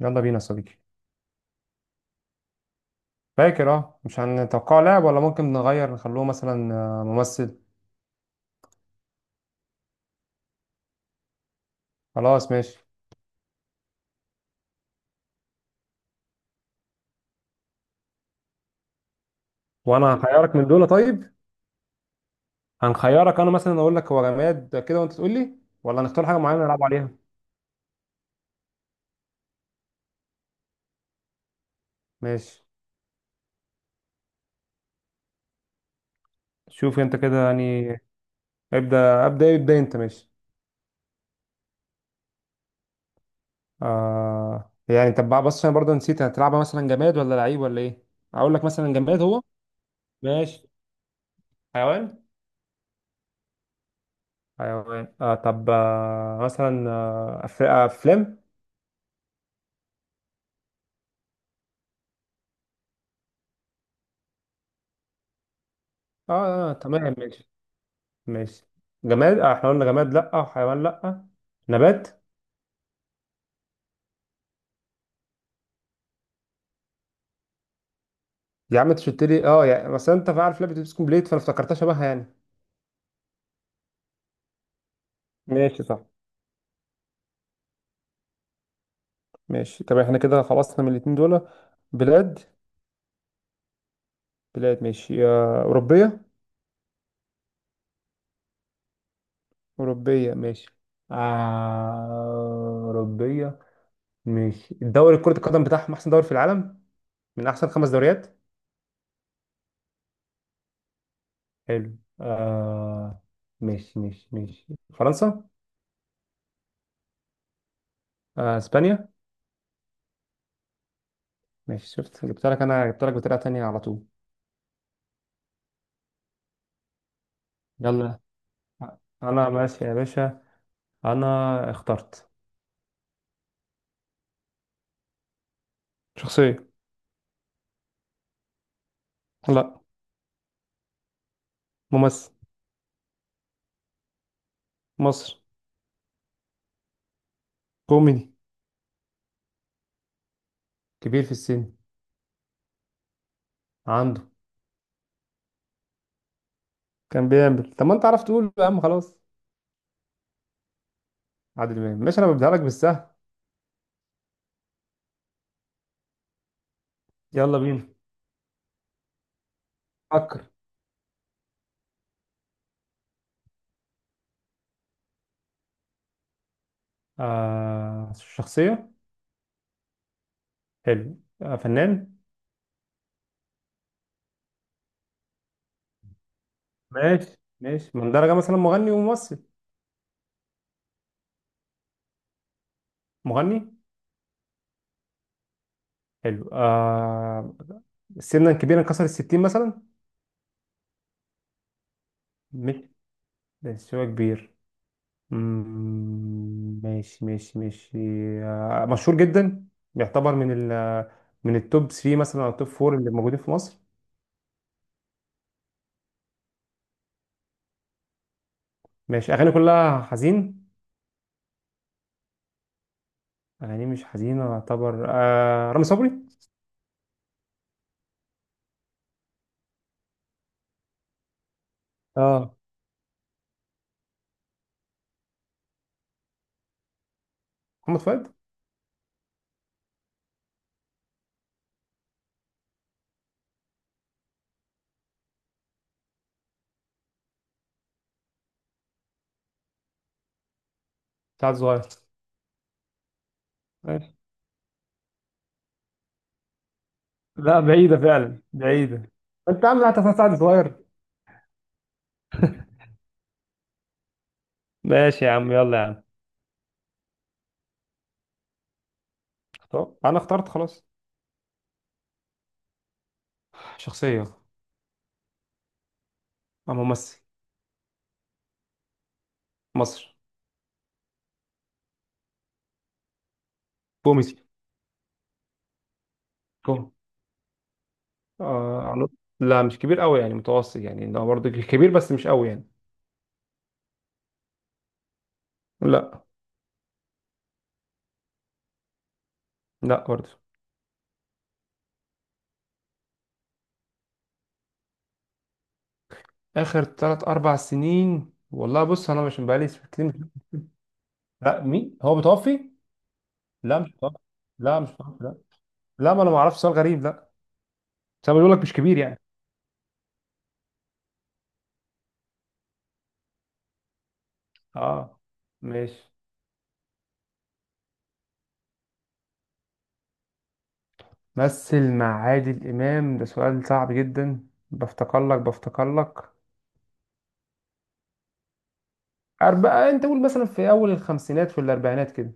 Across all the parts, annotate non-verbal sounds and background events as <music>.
يلا بينا يا صديقي. فاكر، اه مش هنتوقع لاعب؟ ولا ممكن نغير نخلوه مثلا ممثل. خلاص ماشي. وانا هخيرك من دول طيب. هنخيرك، انا مثلا اقول لك هو جماد كده وانت تقول لي، ولا هنختار حاجه معينه نلعب عليها؟ ماشي. شوف انت كده يعني. ابدا ابدا ابدا، انت ماشي. يعني طب بقى، بص انا برضه نسيت، هتلعبها مثلا جماد ولا لعيب ولا ايه؟ اقول لك مثلا جماد هو. ماشي. حيوان. حيوان، آه طب آه مثلا آه أف- آه، افلام. اه، تمام ماشي. ماشي. جماد، احنا قلنا جماد لا، حيوان لا، نبات. يا عم انت شلت لي، اه يعني مثلا انت عارف لعبه اتوبيس كومبليت، فانا افتكرتها شبهها يعني. ماشي صح. ماشي، طب احنا كده خلصنا من الاتنين دول. بلاد. بلاد ماشي، اوروبيه. اوروبيه ماشي. أوروبية. ماشي، الدوري كرة القدم بتاعهم أحسن دوري في العالم، من أحسن خمس دوريات. حلو. آه. ماشي ماشي ماشي. فرنسا. إسبانيا. ماشي، شفت جبت لك؟ أنا جبت لك بطريقة تانية على طول. يلا. انا ماشي يا باشا. انا اخترت. شخصية. لا. ممثل. مصر. كوميدي. كبير في السن. عنده. كان بيعمل. طب ما انت عرفت تقول يا عم، خلاص. عادل امام. ماشي، انا ببدأ لك بالسهل. يلا بينا. فكر. شخصية. حلو، فنان. ماشي ماشي، من درجة مثلا مغني وممثل. مغني. حلو آه. سنا كبيرا، كسر الستين مثلا. مش. بس هو كبير. ماشي ماشي ماشي. مشهور جدا. بيعتبر من من التوب 3 مثلا او التوب 4 اللي موجودين في مصر. ماشي. اغاني كلها حزين. اغاني مش حزينه يعتبر، رامي صبري. اه. محمد فؤاد. سعد صغير. ماشي. لا، بعيدة فعلا بعيدة. انت عامل حتى أساساً سعد صغير. ماشي يا عم، يلا يا عم. اختار. انا اخترت خلاص. شخصيه. او ممثل. مصر. كوميدي. آه على- لا مش كبير قوي يعني، متوسط يعني. ده برضه كبير بس مش قوي يعني. لا. لا برضه. اخر ثلاث اربع سنين، والله بص انا مش بقالي كتير، لا مين هو متوفي؟ لا مش متوفي. لا مش متوفي لا. لا، ما انا ما اعرفش، سؤال غريب، لا. بس أنا بقول لك مش كبير يعني. اه. ماشي. مثل مع عادل امام؟ ده سؤال صعب جدا، بفتكر لك. أربعة. أنت قول مثلا في أول الخمسينات، في الأربعينات كده.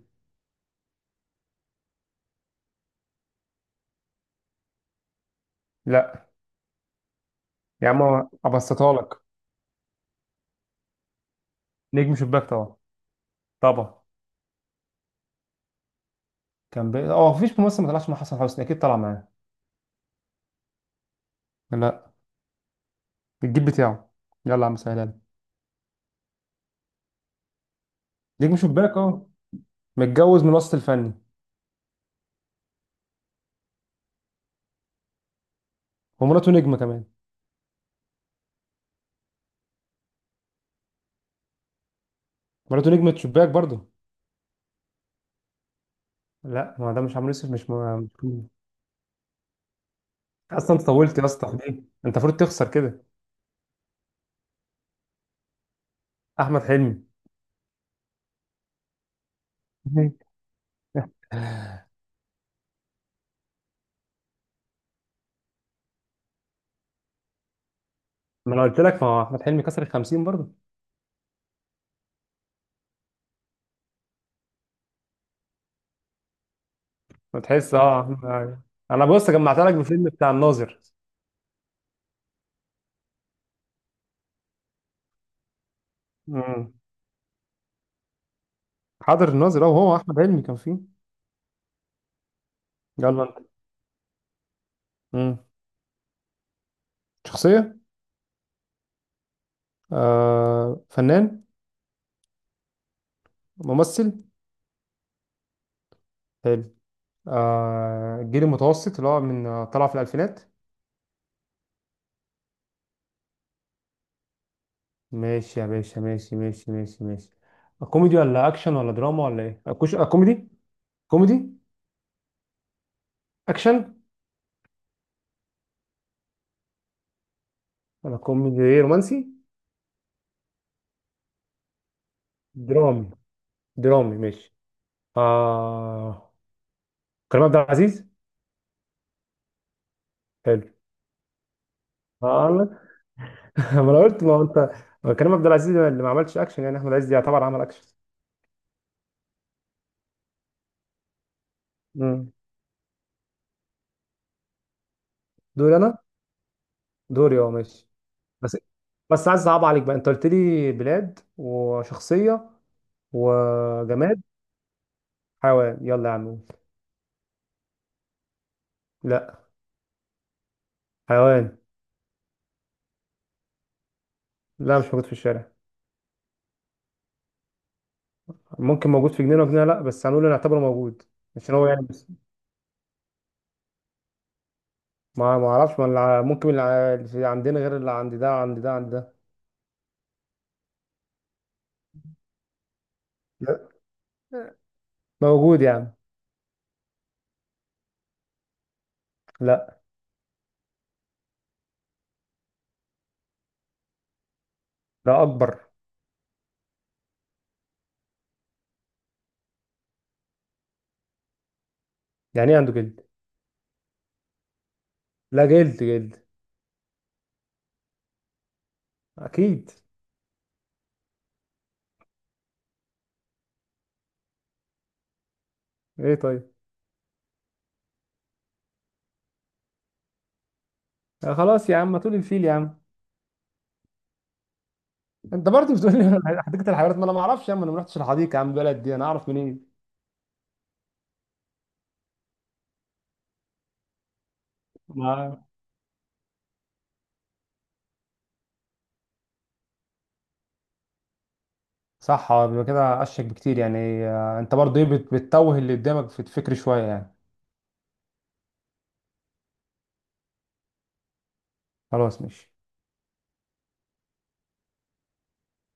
لا. يا عم أبسطها لك. نجم شباك طبعا. طبعا. كان بي... اه مفيش ممثل ما طلعش مع حسن حسني، اكيد طلع معاه. لا. الجيل بتاعه. يلا يا عم سهلها لي. نجم شباك اه. متجوز من وسط الفني. ومراته نجمه كمان. مراته نجمه شباك برضه. لا، ما ده مش عمرو يوسف، مش م... مش- اصلا انت طولت يا اسطى ليه؟ انت المفروض تخسر كده. احمد حلمي. <laughs> ما انا قلت لك، ما هو احمد حلمي كسر ال 50 برضه. ما تحس اه. انا بص جمعت لك بفيلم بتاع الناظر. امم. حاضر الناظر اه، هو احمد حلمي كان فيه. يلا انت. امم. شخصيه. فنان. ممثل. حلو، الجيل المتوسط اللي هو من طلع في الألفينات. ماشي يا باشا، ماشي ماشي ماشي ماشي. كوميدي ولا أكشن ولا دراما ولا إيه؟ أكوش آه، كوميدي. كوميدي. أكشن ولا كوميدي إيه، رومانسي؟ درامي. درامي ماشي. آه. كريم عبد العزيز. حلو. آه أنا- <laughs> ما أنا قلت، ما هو أنت. ما كريم عبد العزيز اللي ما عملش أكشن يعني، أحمد عز يعتبر عمل أكشن. مم. دوري أنا. دوري أه ماشي. بس. عايز اصعب عليك بقى. انت قلت لي بلاد وشخصية وجماد. حيوان. يلا يا عم. لا. حيوان. لا مش موجود في الشارع. ممكن موجود في جنينة وجنينة لا، بس هنقول نعتبره موجود. عشان هو يعني بس. ما اعرفش، ما اللي ع- ممكن اللي ع- اللي عندنا غير اللي عند ده عند ده عند ده. لا موجود يا عم. لا ده اكبر. يعني ايه عنده جلد؟ لا، جلد جلد. اكيد. ايه طيب. آه خلاص يا عم، ما تقول الفيل يا عم. انت برضه بتقول لي <laughs> حديقه الحيوانات، ما انا ما اعرفش يا عم، انا ما رحتش الحديقه يا عم، البلد دي انا اعرف منين؟ ما صح، هو بيبقى كده اشك بكتير يعني. انت برضه ايه بتتوه اللي قدامك في الفكر شويه يعني. خلاص ماشي.